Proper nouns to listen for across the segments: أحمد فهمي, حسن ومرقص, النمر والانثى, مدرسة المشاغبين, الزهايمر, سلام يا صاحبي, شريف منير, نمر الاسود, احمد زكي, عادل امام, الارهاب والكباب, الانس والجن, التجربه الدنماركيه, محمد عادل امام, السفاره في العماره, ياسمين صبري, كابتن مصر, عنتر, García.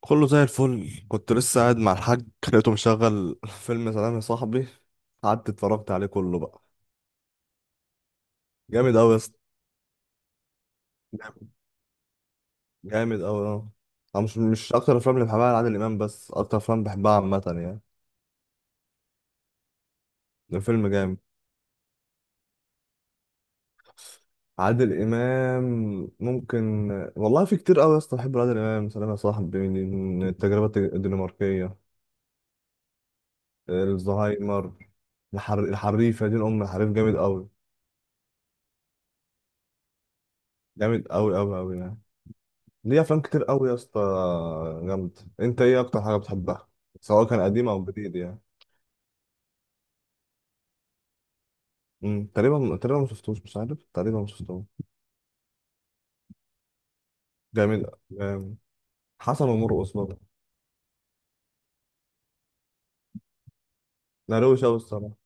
كله زي الفل. كنت لسه قاعد مع الحاج، لقيته مشغل فيلم سلام يا صاحبي. قعدت اتفرجت عليه كله بقى. جامد قوي يا اسطى. جامد، جامد قوي اه. أنا مش اكتر افلام اللي بحبها لعادل امام، بس اكتر افلام بحبها عامه يعني. ده فيلم جامد. عادل امام ممكن، والله في كتير قوي يا اسطى. بحب عادل امام سلام يا صاحبي، من التجربه الدنماركيه. الزهايمر. الحريفه دي، الام الحريف جامد قوي. جامد قوي قوي قوي يعني. ليه افلام كتير قوي يا اسطى. جامد. انت ايه اكتر حاجه بتحبها، سواء كان قديم او جديد يعني؟ تقريبا، تقريبا ما شفتوش، مش عارف، تقريبا ما شفتوش. جميل. جامد. حسن ومرقص برضه. لا، روش قوي الصراحه.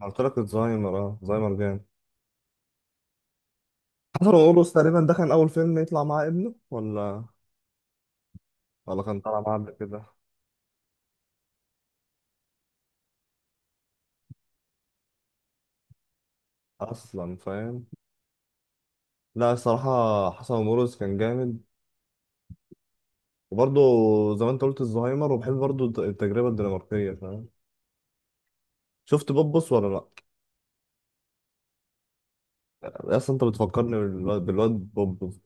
أنا قلت لك الزهايمر، اه زهايمر جامد. حسن ومرقص تقريبا ده كان اول فيلم يطلع مع ابنه، ولا ولا كان طالع معاه قبل كده؟ اصلا فاهم. لا الصراحه حسن ومرقص كان جامد. وبرضه زي ما انت قلت الزهايمر، وبحب برضه التجربه الدنماركيه فاهم. شفت بوبس ولا لا؟ يا اسطى انت بتفكرني بالواد، بوب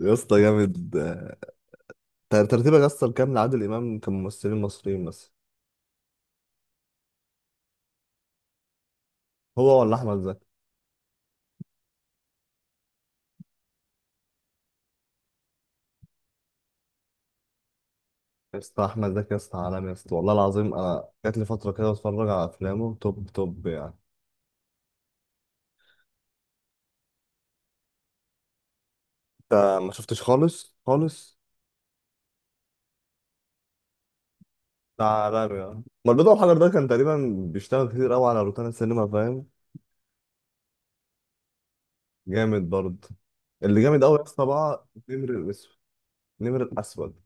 يا اسطى جامد. ترتيبك يا اسطى الكام لعادل امام كممثلين مصريين مثلا؟ هو ولا احمد زكي؟ يا اسطى احمد زكي يا اسطى عالمي يا اسطى، والله العظيم انا جات لي فتره كده اتفرج على افلامه توب توب يعني. انت ما شفتش خالص خالص. ده عالمي يعني، ما البيضه والحجر ده كان تقريبا بيشتغل كتير قوي على روتانا السينما فاهم. جامد برضه. اللي جامد قوي يا اسطى بقى نمر الاسود. نمر الاسود.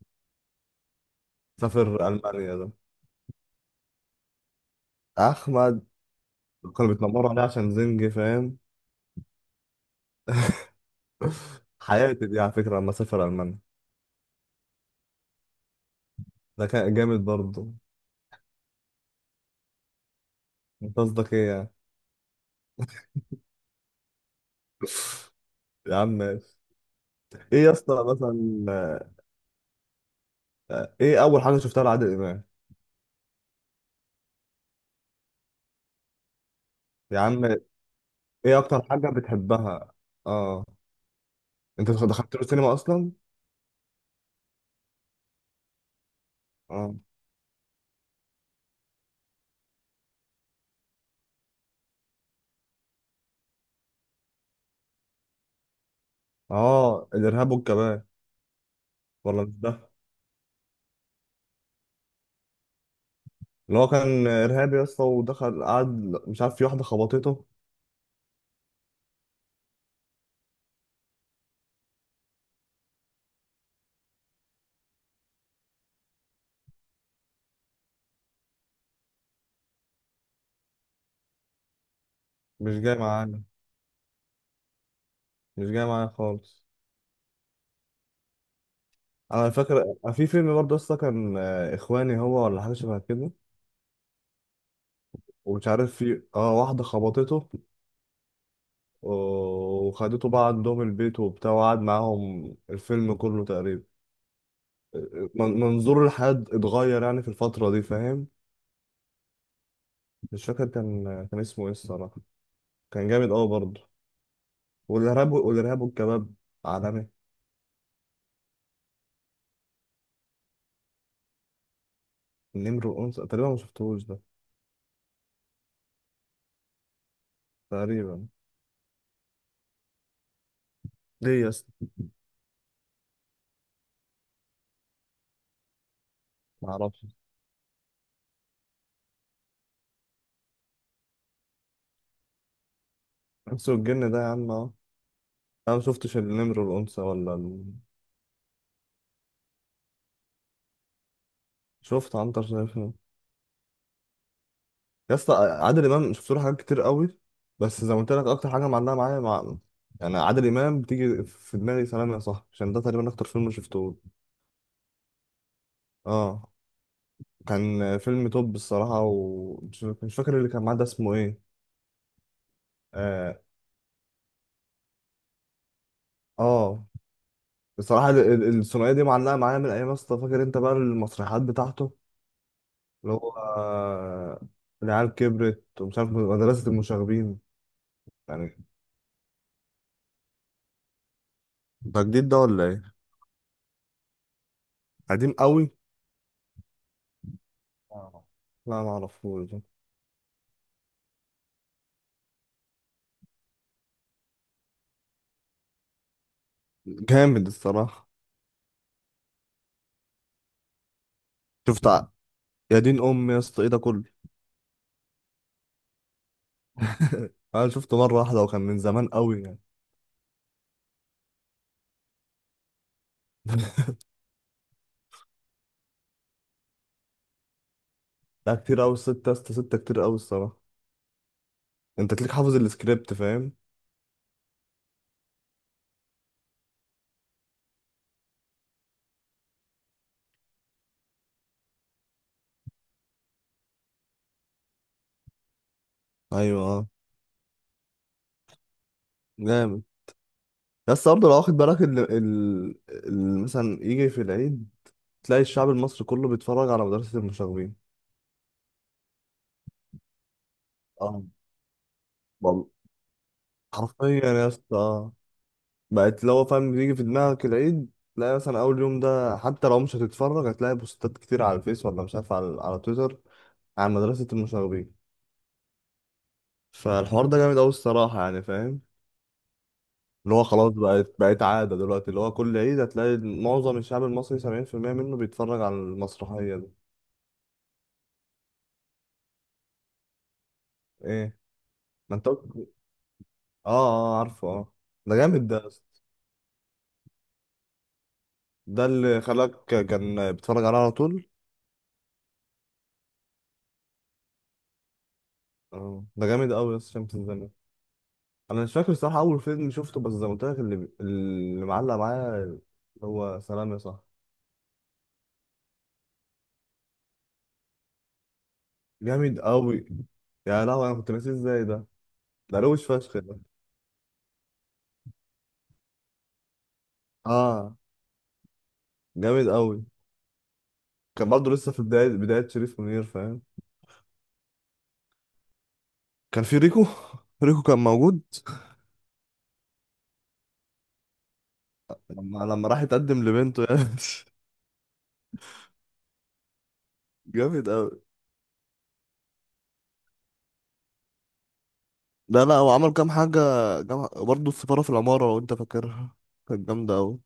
سافر المانيا ده. احمد. كانوا بيتنمروا عليه عشان زنجي فاهم. حياتي دي على فكره لما سافر المانيا. ده كان جامد برضه. انت قصدك ايه يعني؟ يا عم ماشي. ايه يا اسطى مثلا، ايه اول حاجه شفتها لعادل امام؟ يا عم، ايه اكتر حاجه بتحبها؟ اه. انت دخلت له السينما اصلا؟ اه. اه الارهاب والكباب؟ ولا مش ده؟ اللي هو كان ارهابي يا اسطى ودخل قعد، مش عارف، في واحده خبطته. مش جاي معانا، مش جاي معايا خالص. انا فاكر في فيلم برضه اصلا كان اخواني، هو ولا حاجه شبه كده. ومش عارف في اه واحده خبطته، وخدته بقى عندهم البيت وبتاع، وقعد معاهم الفيلم كله تقريبا. منظور الحياه اتغير يعني في الفتره دي فاهم. مش فاكر كان كان اسمه ايه الصراحه. كان جامد قوي برضه. والارهاب، والارهاب والكباب عالمي. النمر والانثى تقريبا ما شفتهوش ده. تقريبا. ليه يا اسطى؟ ما اعرفش. الانس والجن ده يا عم اه. انا ما شفتش النمر والانثى ولا. شفت عنتر شايفها. يا اسطى عادل امام شفت له حاجات كتير قوي، بس زي ما قلت لك اكتر حاجه معلقه معايا مع، يعني عادل امام بتيجي في دماغي سلام يا صاحبي عشان ده تقريبا اكتر فيلم شفته. اه. كان فيلم توب الصراحه، ومش مش فاكر اللي كان معاه ده اسمه ايه. اه. آه. بصراحه الثنائيه دي معلقه معايا من ايام يا اسطى. فاكر انت بقى المسرحيات بتاعته، اللي هو العيال كبرت ومش عارف مدرسه المشاغبين يعني. ده جديد ده ولا ايه؟ قديم قوي. آه. لا ما اعرفوش. جامد الصراحه. شفت ع- يا دين امي يا اسطى ايه ده كله؟ انا شفته مره واحده وكان من زمان قوي يعني. لا، كتير قوي ستة يا اسطى، ستة كتير قوي الصراحة. انت تليك حافظ السكريبت فاهم. ايوه اه. جامد. بس برضه لو واخد بالك مثلا يجي في العيد تلاقي الشعب المصري كله بيتفرج على مدرسة المشاغبين اه والله. حرفيا يا اسطى بقت لو فاهم بيجي في دماغك العيد، تلاقي مثلا اول يوم ده، حتى لو مش هتتفرج هتلاقي بوستات كتير على الفيس، ولا مش عارف على، على تويتر عن مدرسة المشاغبين. فالحوار ده جامد قوي الصراحة يعني فاهم. اللي هو خلاص بقت عادة دلوقتي، اللي هو كل عيد هتلاقي معظم الشعب المصري 70% منه بيتفرج على المسرحية دي. ايه؟ ما انت قلت. اه، اه عارفه اه. ده جامد ده يا اسطى. ده اللي خلاك كان بيتفرج عليها على طول. اه ده جامد قوي يا اسطى شمس الزمان. انا مش فاكر الصراحه اول فيلم شفته، بس زي ما قلت لك اللي، اللي معلق معايا هو سلام يا صاحبي. جامد قوي. يا لهوي انا كنت ناسيه ازاي ده! ده روش فشخ ده. اه جامد قوي. كان برضه لسه في بدايه، بدايه شريف منير فاهم. كان في ريكو ريكو كان موجود. لما، لما راح يتقدم لبنته يعني جامد قوي. لا لا هو عمل كام حاجه. جام... برضه السفاره في العماره لو انت فاكرها، كانت جامده قوي.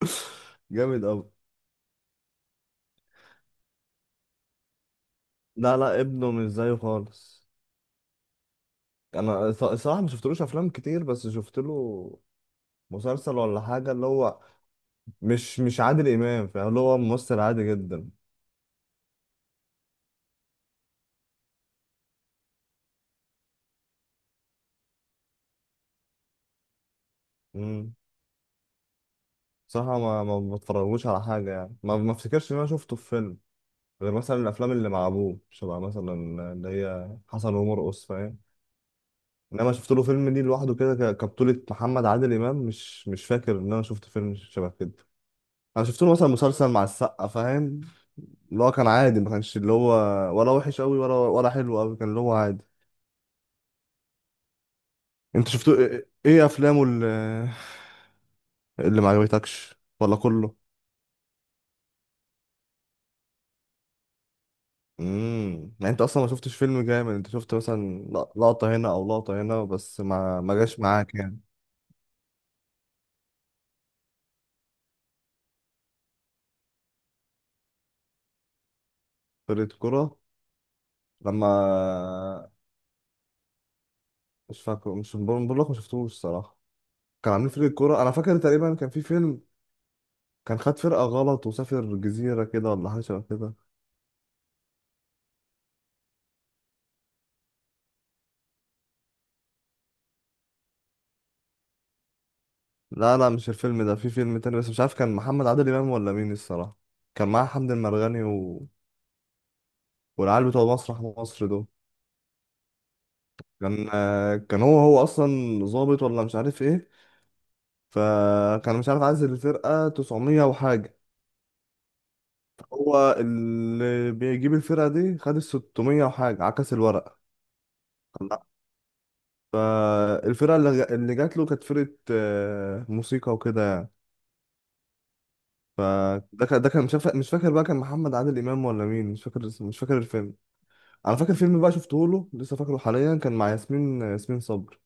جامد قوي. لا لا ابنه مش زيه خالص. انا صراحه ما شفتلوش افلام كتير، بس شفت له مسلسل ولا حاجه اللي هو مش عادل امام فاهم، اللي هو ممثل عادي جدا. امم صراحه ما بتفرجوش على حاجه يعني، ما افتكرش ان انا شفته في فيلم غير مثلا الافلام اللي مع ابوه شبه مثلا اللي هي حسن ومرقص فاهم. انما شفت له فيلم ليه لوحده كده كبطوله محمد عادل امام، مش فاكر ان انا شفت فيلم شبه كده. انا شفت له مثلا مسلسل مع السقا فاهم، اللي هو كان عادي، ما كانش اللي هو ولا وحش قوي ولا حلو قوي، كان اللي هو عادي. انت شفت ايه، ايه افلامه اللي، اللي ما عجبتكش ولا كله؟ يعني انت اصلا ما شفتش فيلم جامد، انت شفت مثلا لقطة هنا او لقطة هنا بس ما جاش معاك يعني. فرقة كرة. لما، مش فاكره، مش بقول، بقول لك ما شفتوش الصراحة. كان عاملين فرقة كرة، انا فاكر تقريبا كان في فيلم كان خد فرقة غلط وسافر جزيرة كده ولا حاجة شبه كده. لا لا مش الفيلم ده، في فيلم تاني بس مش عارف كان محمد عادل امام ولا مين الصراحة. كان معاه حمد المرغني و، والعيال بتوع مسرح مصر دول. كان كان هو اصلا ظابط ولا مش عارف ايه، فكان مش عارف عايز الفرقه 900 وحاجه. هو اللي بيجيب الفرقه دي، خد ال 600 وحاجه عكس الورق. فالفرقه اللي جات له كانت فرقه موسيقى وكده يعني. فده كان، ده كان مش فاكر، بقى كان محمد عادل امام ولا مين، مش فاكر اسمه، مش فاكر الفيلم. انا فاكر فيلم بقى شفته له لسه فاكره حاليا، كان مع ياسمين، ياسمين صبري.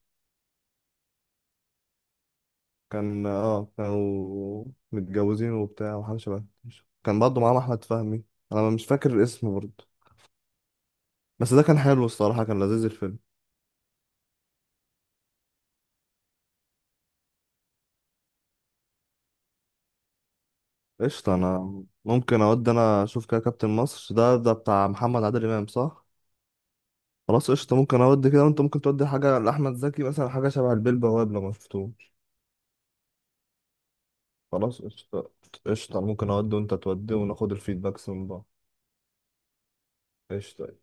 كان اه كانوا متجوزين وبتاع وحاجة شبه كده. كان برضه معاهم أحمد فهمي. أنا مش فاكر الاسم برضه، بس ده كان حلو الصراحة، كان لذيذ الفيلم. قشطة، أنا ممكن أودي أنا أشوف كده كابتن مصر، ده ده بتاع محمد عادل إمام صح؟ خلاص قشطة، ممكن أودي كده وأنت ممكن تودي حاجة لأحمد زكي مثلا، حاجة شبه البيه بواب لو مشفتوش. خلاص قشطة. قشطة، ممكن أودي وأنت تودي وناخد الفيدباكس من بعض. قشطة.